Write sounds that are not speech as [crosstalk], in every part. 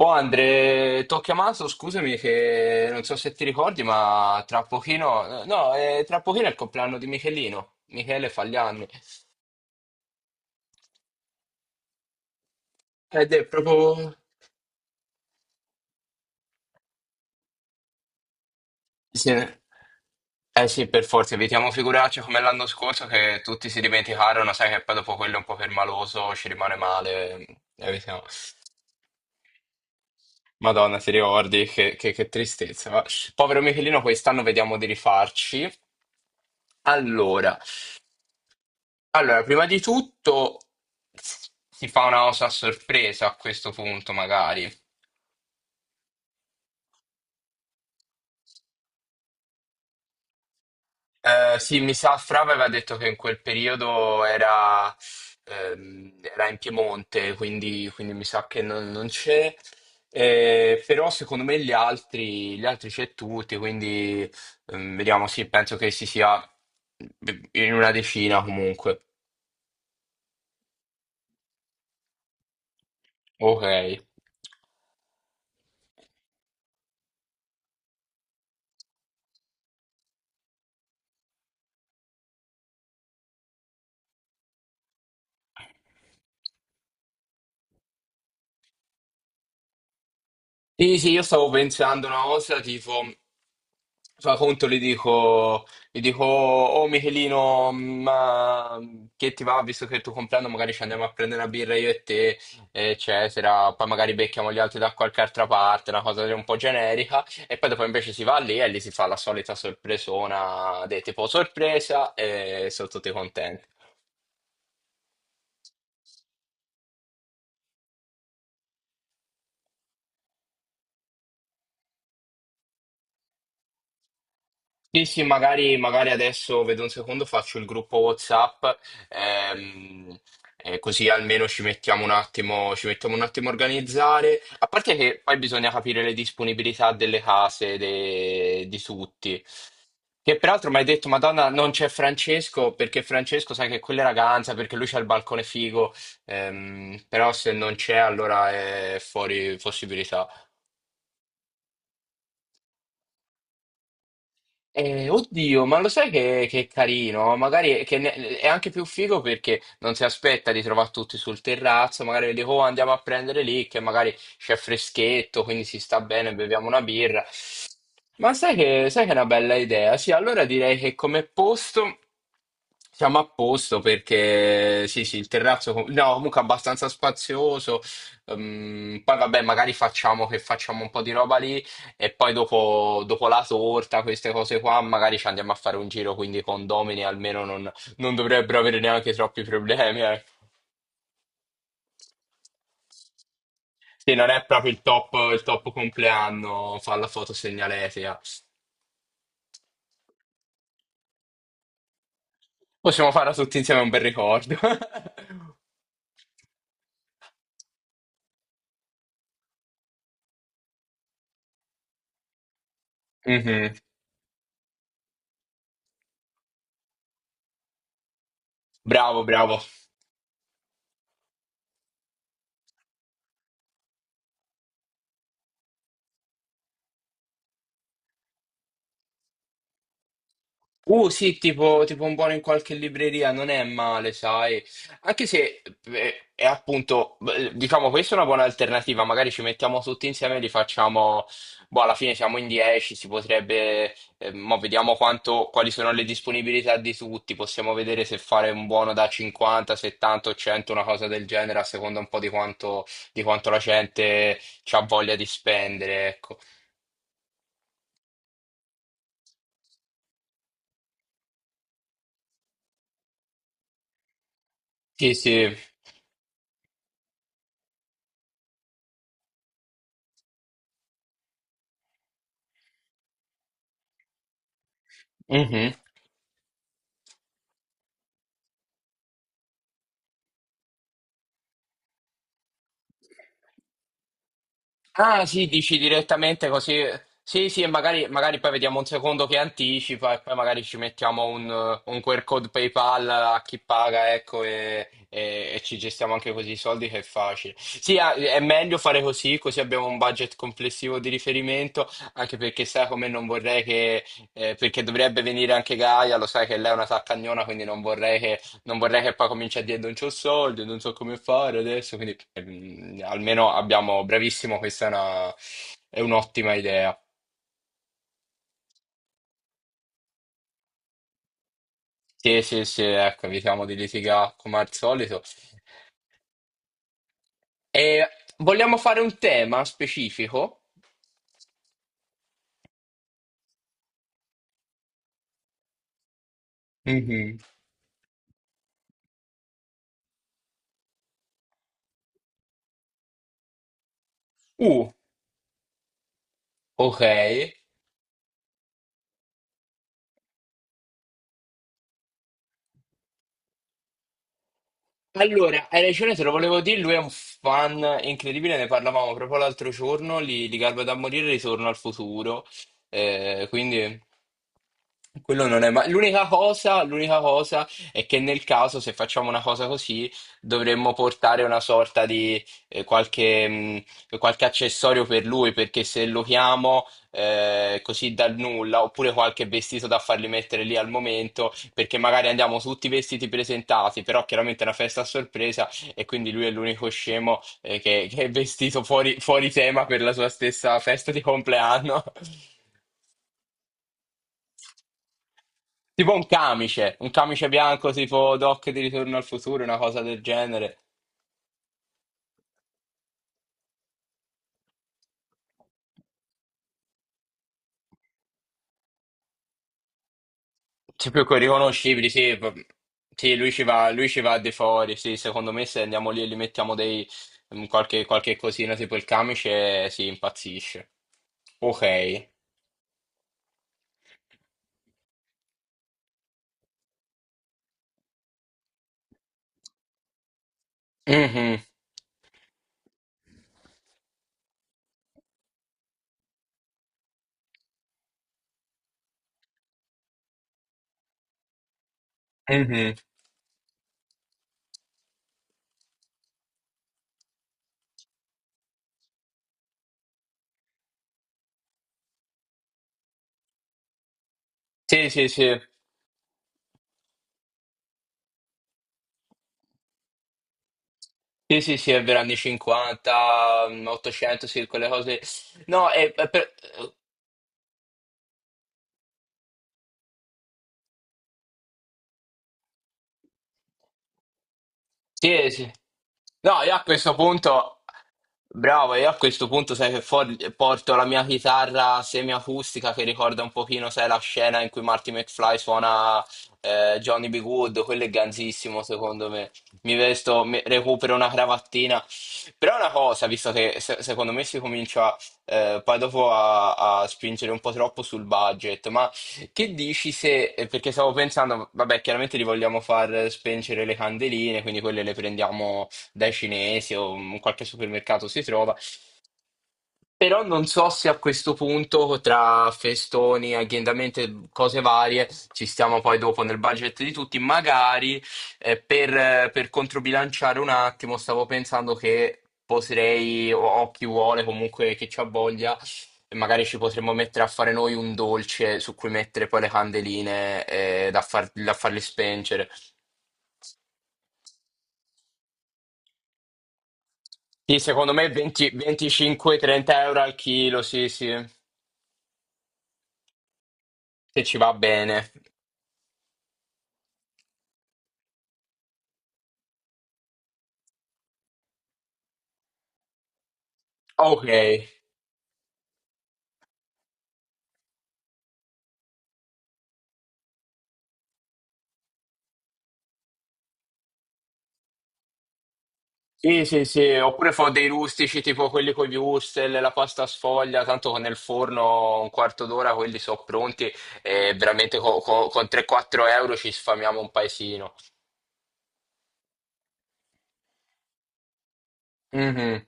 Oh Andre, ti ho chiamato, scusami che non so se ti ricordi, ma tra pochino, no, tra pochino è il compleanno di Michelino. Michele fa gli anni. Ed è proprio. Sì. Eh sì, per forza, evitiamo figuracce come l'anno scorso che tutti si dimenticarono, sai che poi dopo quello un po' permaloso ci rimane male. Evitiamo. Madonna, ti ricordi? Che tristezza. Povero Michelino, quest'anno vediamo di rifarci. Allora. Allora, prima di tutto si fa una cosa a sorpresa a questo punto, magari. Sì, mi sa, Fra aveva detto che in quel periodo era in Piemonte, quindi mi sa che non c'è. Però secondo me gli altri c'è tutti, quindi vediamo, sì, penso che si sia in una decina comunque. Ok. Sì, sì, io stavo pensando una cosa, tipo, fa conto, gli dico, oh Michelino, ma che ti va, visto che è il tuo compleanno, magari ci andiamo a prendere una birra io e te, eccetera, poi magari becchiamo gli altri da qualche altra parte, una cosa un po' generica, e poi dopo invece si va lì e lì si fa la solita sorpresona, de tipo sorpresa, e sono tutti contenti. Sì, sì, magari adesso vedo un secondo, faccio il gruppo WhatsApp, ehm, così almeno ci mettiamo un attimo, ci mettiamo un attimo a organizzare. A parte che poi bisogna capire le disponibilità delle case di tutti. Che peraltro mi hai detto, Madonna, non c'è Francesco, perché Francesco sai che quella è ragazza, perché lui c'ha il balcone figo, però se non c'è allora è fuori possibilità. Oddio, ma lo sai che è carino? Magari è anche più figo perché non si aspetta di trovare tutti sul terrazzo, magari dico "Oh, andiamo a prendere lì, che magari c'è freschetto, quindi si sta bene, beviamo una birra." Ma sai che è una bella idea? Sì, allora direi che come posto siamo a posto perché sì, sì, il terrazzo com- no, comunque abbastanza spazioso. Poi vabbè, magari facciamo che facciamo un po' di roba lì. E poi dopo la torta, queste cose qua, magari ci andiamo a fare un giro, quindi i condomini almeno non dovrebbero avere neanche troppi problemi. Ecco. Sì, non è proprio il top compleanno, fa la foto segnaletica. Possiamo farla tutti insieme, è un bel ricordo. [laughs] Mhm. Bravo, bravo. Sì, tipo un buono in qualche libreria, non è male, sai. Anche se è appunto, beh, diciamo, questa è una buona alternativa. Magari ci mettiamo tutti insieme e li facciamo. Boh, alla fine siamo in 10, si potrebbe. Mo vediamo quanto, quali sono le disponibilità di tutti. Possiamo vedere se fare un buono da 50, 70 o 100, una cosa del genere, a seconda un po' di quanto la gente ha voglia di spendere, ecco. Sì, sì. Mhm. Ah, sì, dici direttamente così. Sì, sì, e magari poi vediamo un secondo che anticipa e poi magari ci mettiamo un QR code PayPal a chi paga, ecco, e ci gestiamo anche così i soldi che è facile. Sì, ah, è meglio fare così, così abbiamo un budget complessivo di riferimento, anche perché sai come non vorrei che, perché dovrebbe venire anche Gaia, lo sai che lei è una saccagnona, quindi non vorrei che poi cominci a dire non c'ho soldi, non so come fare adesso, quindi almeno abbiamo, bravissimo, questa è una, è un'ottima idea. Sì, sì, sì, ecco, evitiamo di litigare come al solito. E vogliamo fare un tema specifico? Mhm. Uh, ok. Allora, hai ragione, te lo volevo dire, lui è un fan incredibile, ne parlavamo proprio l'altro giorno, li garba da morire, Ritorno al Futuro, quindi quello non è mai. L'unica cosa è che nel caso, se facciamo una cosa così, dovremmo portare una sorta di qualche accessorio per lui, perché se lo chiamo così dal nulla, oppure qualche vestito da farli mettere lì al momento, perché magari andiamo tutti vestiti presentati, però chiaramente è una festa a sorpresa e quindi lui è l'unico scemo che è vestito fuori tema per la sua stessa festa di compleanno. [laughs] Tipo un camice bianco tipo Doc di Ritorno al Futuro, una cosa del genere. Sì, più che riconoscibili, sì, sì, lui ci va di fuori, sì, secondo me se andiamo lì e gli mettiamo qualche cosina tipo il camice, si impazzisce. Ok. Mhm. Mhm. Sì, sì, sì. Sì, sì, sì, è vero, anni 50, 800, sì, quelle cose. No, è per. Sì, sì. No, io a questo punto. Bravo, io a questo punto sai che porto la mia chitarra semiacustica che ricorda un pochino, sai, la scena in cui Marty McFly suona Johnny B. Good, quello è ganzissimo secondo me. Mi vesto, recupero una cravattina. Però una cosa, visto che secondo me si comincia poi dopo a spingere un po' troppo sul budget, ma che dici se, perché stavo pensando, vabbè, chiaramente li vogliamo far spengere le candeline, quindi quelle le prendiamo dai cinesi o in qualche supermercato si trova. Però non so se a questo punto, tra festoni, agghiendamenti, cose varie, ci stiamo poi dopo nel budget di tutti. Magari per controbilanciare un attimo, stavo pensando che potrei, o chi vuole comunque che ci ha voglia, magari ci potremmo mettere a fare noi un dolce su cui mettere poi le candeline da farle spengere. Sì, secondo me 20 25-30 euro al chilo, sì, sì, se ci va bene. Ok. Sì, sì, sì, oppure fa dei rustici tipo quelli con gli wurstel, la pasta sfoglia, tanto con il forno un quarto d'ora quelli sono pronti e veramente con 3-4 euro ci sfamiamo un paesino. Mhm.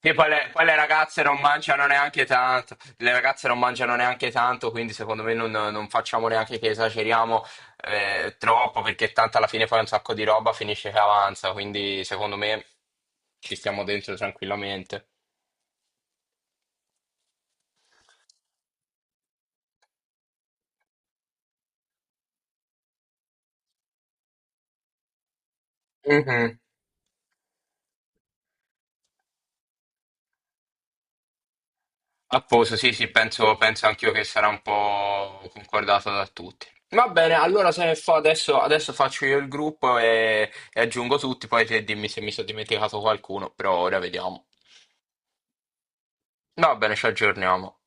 E poi le ragazze non mangiano neanche tanto, le ragazze non mangiano neanche tanto, quindi secondo me non facciamo neanche che esageriamo troppo, perché tanto alla fine fai un sacco di roba, finisce che avanza, quindi secondo me ci stiamo dentro tranquillamente. Mhm. A posto, sì, sì, penso anch'io che sarà un po' concordato da tutti. Va bene, allora se fa adesso, faccio io il gruppo e aggiungo tutti, poi te dimmi se mi sono dimenticato qualcuno, però ora vediamo. Va bene, ci aggiorniamo.